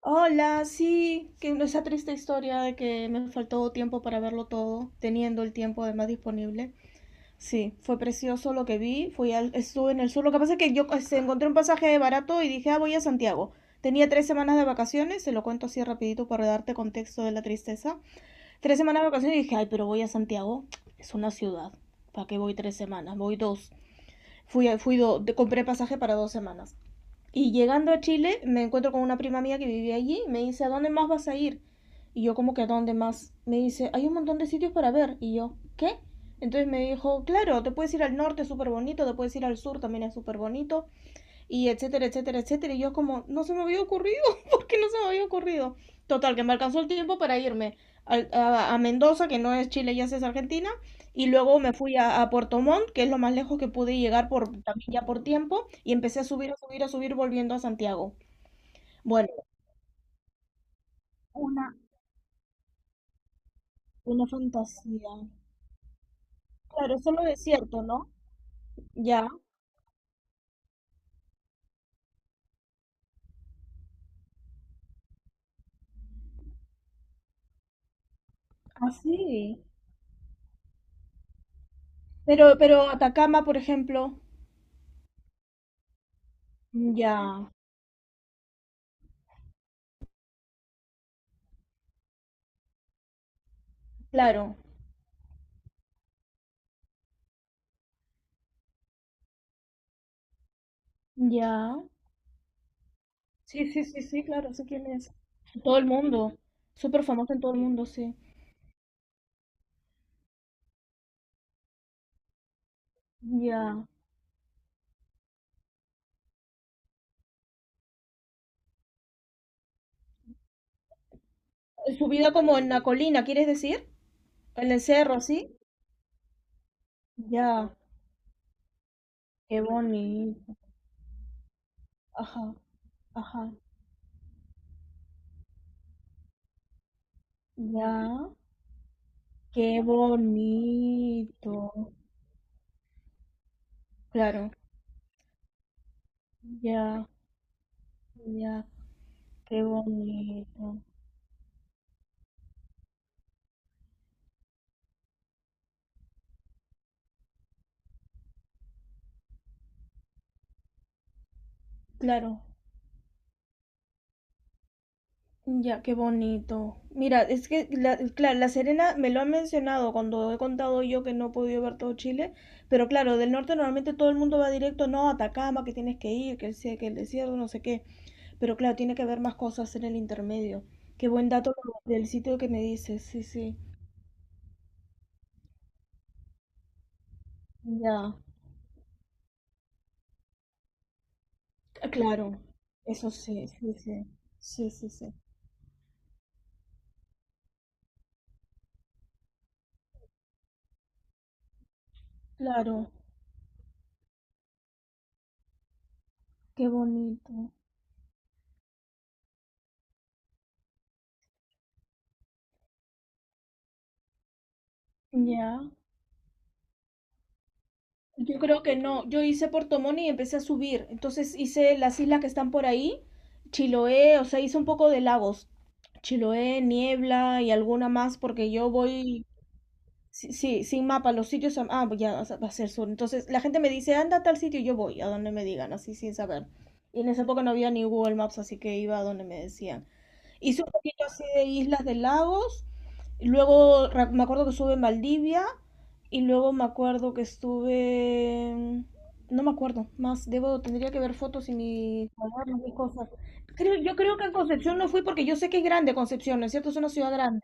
Hola, sí, que no, esa triste historia de que me faltó tiempo para verlo todo, teniendo el tiempo además disponible. Sí, fue precioso lo que vi, estuve en el sur. Lo que pasa es que yo encontré un pasaje barato y dije, ah, voy a Santiago. Tenía 3 semanas de vacaciones, se lo cuento así rapidito para darte contexto de la tristeza. 3 semanas de vacaciones y dije, ay, pero voy a Santiago, es una ciudad. ¿Para qué voy 3 semanas? Voy dos. Fui, a- fui do- de- compré pasaje para 2 semanas. Y llegando a Chile me encuentro con una prima mía que vivía allí y me dice, ¿a dónde más vas a ir? Y yo como que a dónde más. Me dice, hay un montón de sitios para ver. Y yo, ¿qué? Entonces me dijo, claro, te puedes ir al norte, es súper bonito, te puedes ir al sur, también es súper bonito, y etcétera, etcétera, etcétera. Y yo como, no se me había ocurrido, porque no se me había ocurrido. Total, que me alcanzó el tiempo para irme a Mendoza, que no es Chile, ya es Argentina, y luego me fui a Puerto Montt, que es lo más lejos que pude llegar por, también ya por tiempo, y empecé a subir, a subir, a subir, volviendo a Santiago. Bueno, una, una fantasía. Claro, solo desierto, ¿no? Ya, así. Pero Atacama, por ejemplo, ya, claro, ya. Sí, sí, sí, sí, claro, sé quién es. Todo el mundo. Súper famoso en todo el mundo, sí. Ya. Su vida como en la colina, ¿quieres decir? En el cerro, ¿sí? Ya. Qué bonito. Ajá, ajá. Ya. Qué bonito. Claro. Ya, ya. Qué bonito. Claro. Ya, qué bonito. Mira, es que, claro, La Serena me lo ha mencionado cuando he contado yo que no he podido ver todo Chile, pero claro, del norte normalmente todo el mundo va directo, no, Atacama, que tienes que ir, que el desierto, no sé qué, pero claro, tiene que haber más cosas en el intermedio. Qué buen dato lo del sitio que me dices, sí, sí. Ya, claro, eso sí, sí, sí, sí, sí, sí. Claro, qué bonito. Ya. Yo creo que no. Yo hice Puerto Montt y empecé a subir. Entonces hice las islas que están por ahí, Chiloé, o sea, hice un poco de lagos. Chiloé, Niebla y alguna más, porque yo voy, sí, sí, sin mapa, los sitios, ya o sea, va a ser sur. Entonces la gente me dice, anda a tal sitio, y yo voy, a donde me digan, así sin saber. Y en esa época no había ni Google Maps, así que iba a donde me decían. Hice un poquito así de Islas de Lagos, y luego me acuerdo que estuve en Valdivia y luego me acuerdo que estuve. No me acuerdo más, debo, tendría que ver fotos y mi cuadernos y cosas. Yo creo que a Concepción no fui porque yo sé que es grande Concepción, ¿no es cierto? Es una ciudad grande.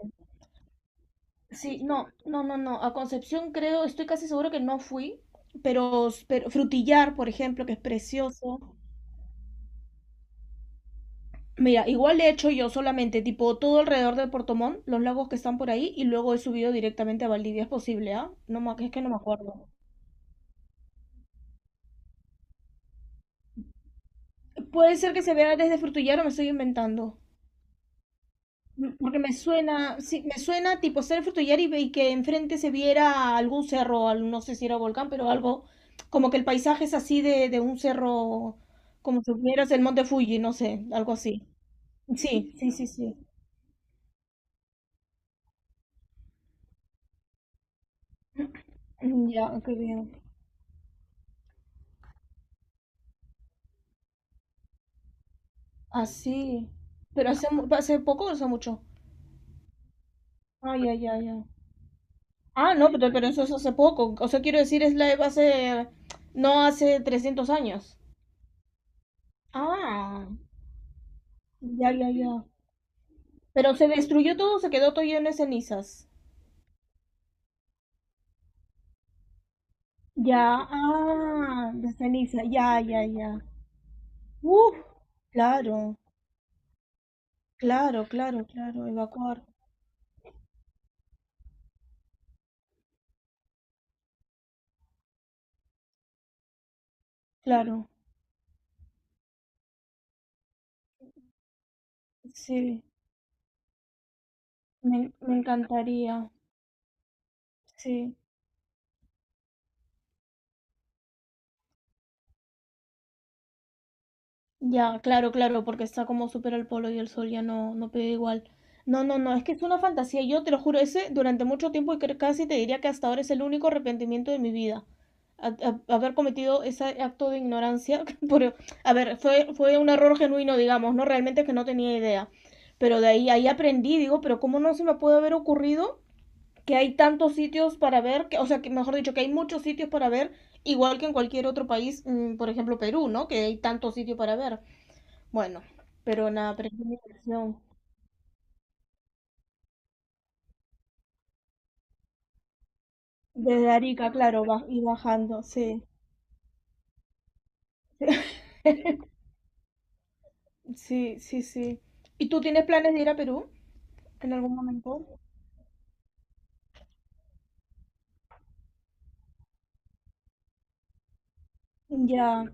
Sí, no, no, no, no. A Concepción creo, estoy casi seguro que no fui, pero Frutillar, por ejemplo, que es precioso. Mira, igual he hecho yo solamente, tipo, todo alrededor de Puerto Montt, los lagos que están por ahí, y luego he subido directamente a Valdivia, es posible, ¿ah? No, es que no me acuerdo. Puede ser que se vea desde Frutillar o me estoy inventando. Porque me suena, sí, me suena tipo ser Frutillar y que enfrente se viera algún cerro, no sé si era volcán, pero algo, como que el paisaje es así de un cerro, como si vieras el monte Fuji, no sé, algo así. Sí, sí, sí, sí. Mm, ya, qué bien. Así. ¿Pero hace poco o hace mucho? Ah, ya, ya, ya. Ah, no, pero eso es hace poco. O sea, quiero decir, no hace 300 años. Ah, ya, ya, ya. Pero se destruyó todo, se quedó todo lleno de cenizas. Ya, ah, de ceniza, ya, ya, ya. Uf, claro, claro, claro, claro, evacuar, claro. Sí, me encantaría, sí. Ya, claro, claro, porque está como súper al polo y el sol ya no, no pega igual. No, no, no, es que es una fantasía. Yo te lo juro, ese durante mucho tiempo y casi te diría que hasta ahora es el único arrepentimiento de mi vida. A- haber cometido ese acto de ignorancia. Por, a ver, fue un error genuino, digamos, ¿no? Realmente que no tenía idea. Pero de ahí aprendí, digo, pero ¿cómo no se me puede haber ocurrido que hay tantos sitios para ver, que, o sea, que mejor dicho, que hay muchos sitios para ver, igual que en cualquier otro país, por ejemplo, Perú, ¿no? Que hay tantos sitios para ver. Bueno, pero nada, pero es mi versión. Desde Arica, claro, va, y bajando, sí. Sí, sí, sí. ¿Y tú tienes planes de ir a Perú en algún momento? Ya,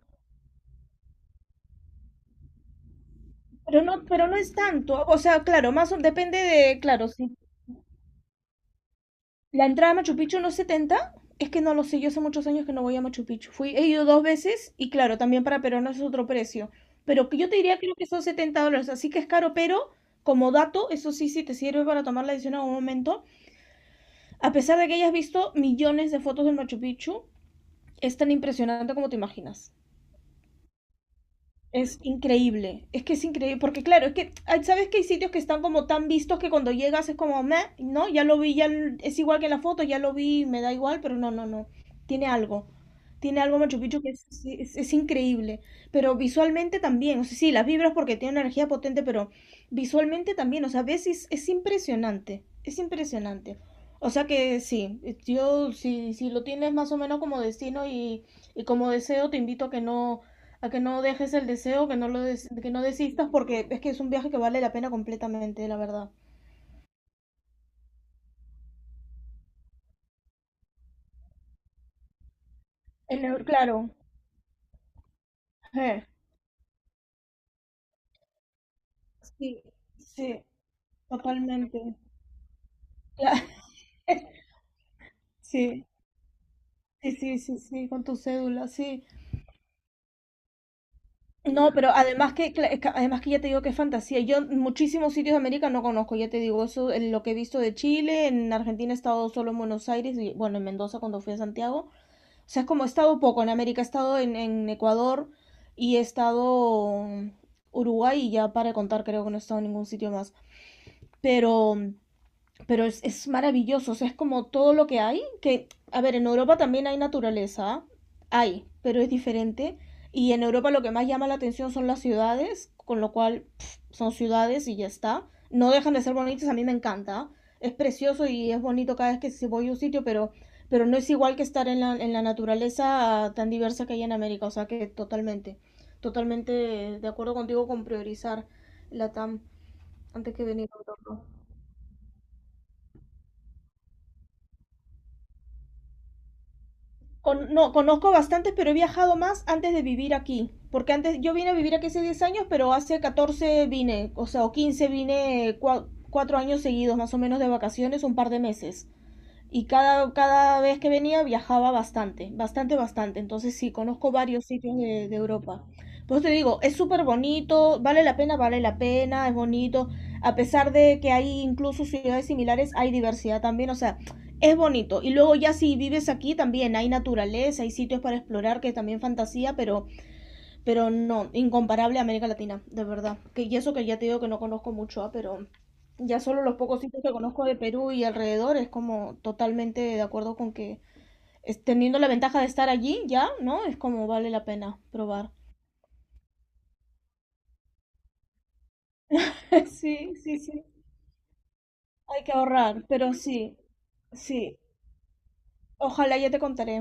pero no es tanto. O sea, claro, depende de, claro, sí. La entrada a Machu Picchu no es 70, es que no lo sé, yo hace muchos años que no voy a Machu Picchu. He ido dos veces y claro, también para peruanos es otro precio. Pero que yo te diría creo que son $70, así que es caro, pero como dato, eso sí, sí te sirve para tomar la decisión en algún momento. A pesar de que hayas visto millones de fotos del Machu Picchu, es tan impresionante como te imaginas. Es increíble, es que es increíble, porque claro, es que, ay, ¿sabes que hay sitios que están como tan vistos que cuando llegas es como, meh, no, ya lo vi, es igual que en la foto, ya lo vi, me da igual, pero no, no, no, tiene algo, tiene algo Machu Picchu que es, es increíble, pero visualmente también, o sea, sí, las vibras porque tiene una energía potente, pero visualmente también, o sea, ves, es impresionante, es impresionante, o sea que sí, si, si lo tienes más o menos como destino y como deseo, te invito a que no dejes el deseo, que no desistas, porque es que es un viaje que vale la pena completamente, la verdad. Claro, eh, sí, sí, totalmente. Cla- Sí, sí, sí, sí, sí, con tu cédula, sí. No, pero además que ya te digo que es fantasía. Yo muchísimos sitios de América no conozco, ya te digo, eso, lo que he visto de Chile, en Argentina he estado solo en Buenos Aires y bueno, en Mendoza cuando fui a Santiago. O sea, es como he estado poco en América, he estado en Ecuador y he estado Uruguay y ya para contar creo que no he estado en ningún sitio más. Pero um, pero es maravilloso, o sea, es como todo lo que hay, que, a ver, en Europa también hay naturaleza, hay, pero es diferente. Y en Europa lo que más llama la atención son las ciudades, con lo cual pff, son ciudades y ya está. No dejan de ser bonitas, a mí me encanta. Es precioso y es bonito cada vez que si voy a un sitio, pero no es igual que estar en la naturaleza tan diversa que hay en América. O sea que totalmente, totalmente de acuerdo contigo con priorizar la TAM antes que venir a Europa. No, conozco bastantes, pero he viajado más antes de vivir aquí. Porque antes yo vine a vivir aquí hace 10 años, pero hace 14 vine, o sea, o 15 vine 4 años seguidos, más o menos de vacaciones, un par de meses y cada vez que venía viajaba bastante, bastante, bastante. Entonces sí, conozco varios sitios de Europa. Por eso te digo, es súper bonito, vale la pena, es bonito. A pesar de que hay incluso ciudades similares, hay diversidad también, o sea, es bonito. Y luego ya si vives aquí también hay naturaleza, hay sitios para explorar que también fantasía, pero no, incomparable a América Latina, de verdad. Que, y eso que ya te digo que no conozco mucho, pero ya solo los pocos sitios que conozco de Perú y alrededor es como totalmente de acuerdo con que teniendo la ventaja de estar allí ya, ¿no? Es como vale la pena probar. Sí, sí, sí. Hay que ahorrar, pero sí, sí. Ojalá ya te contaré.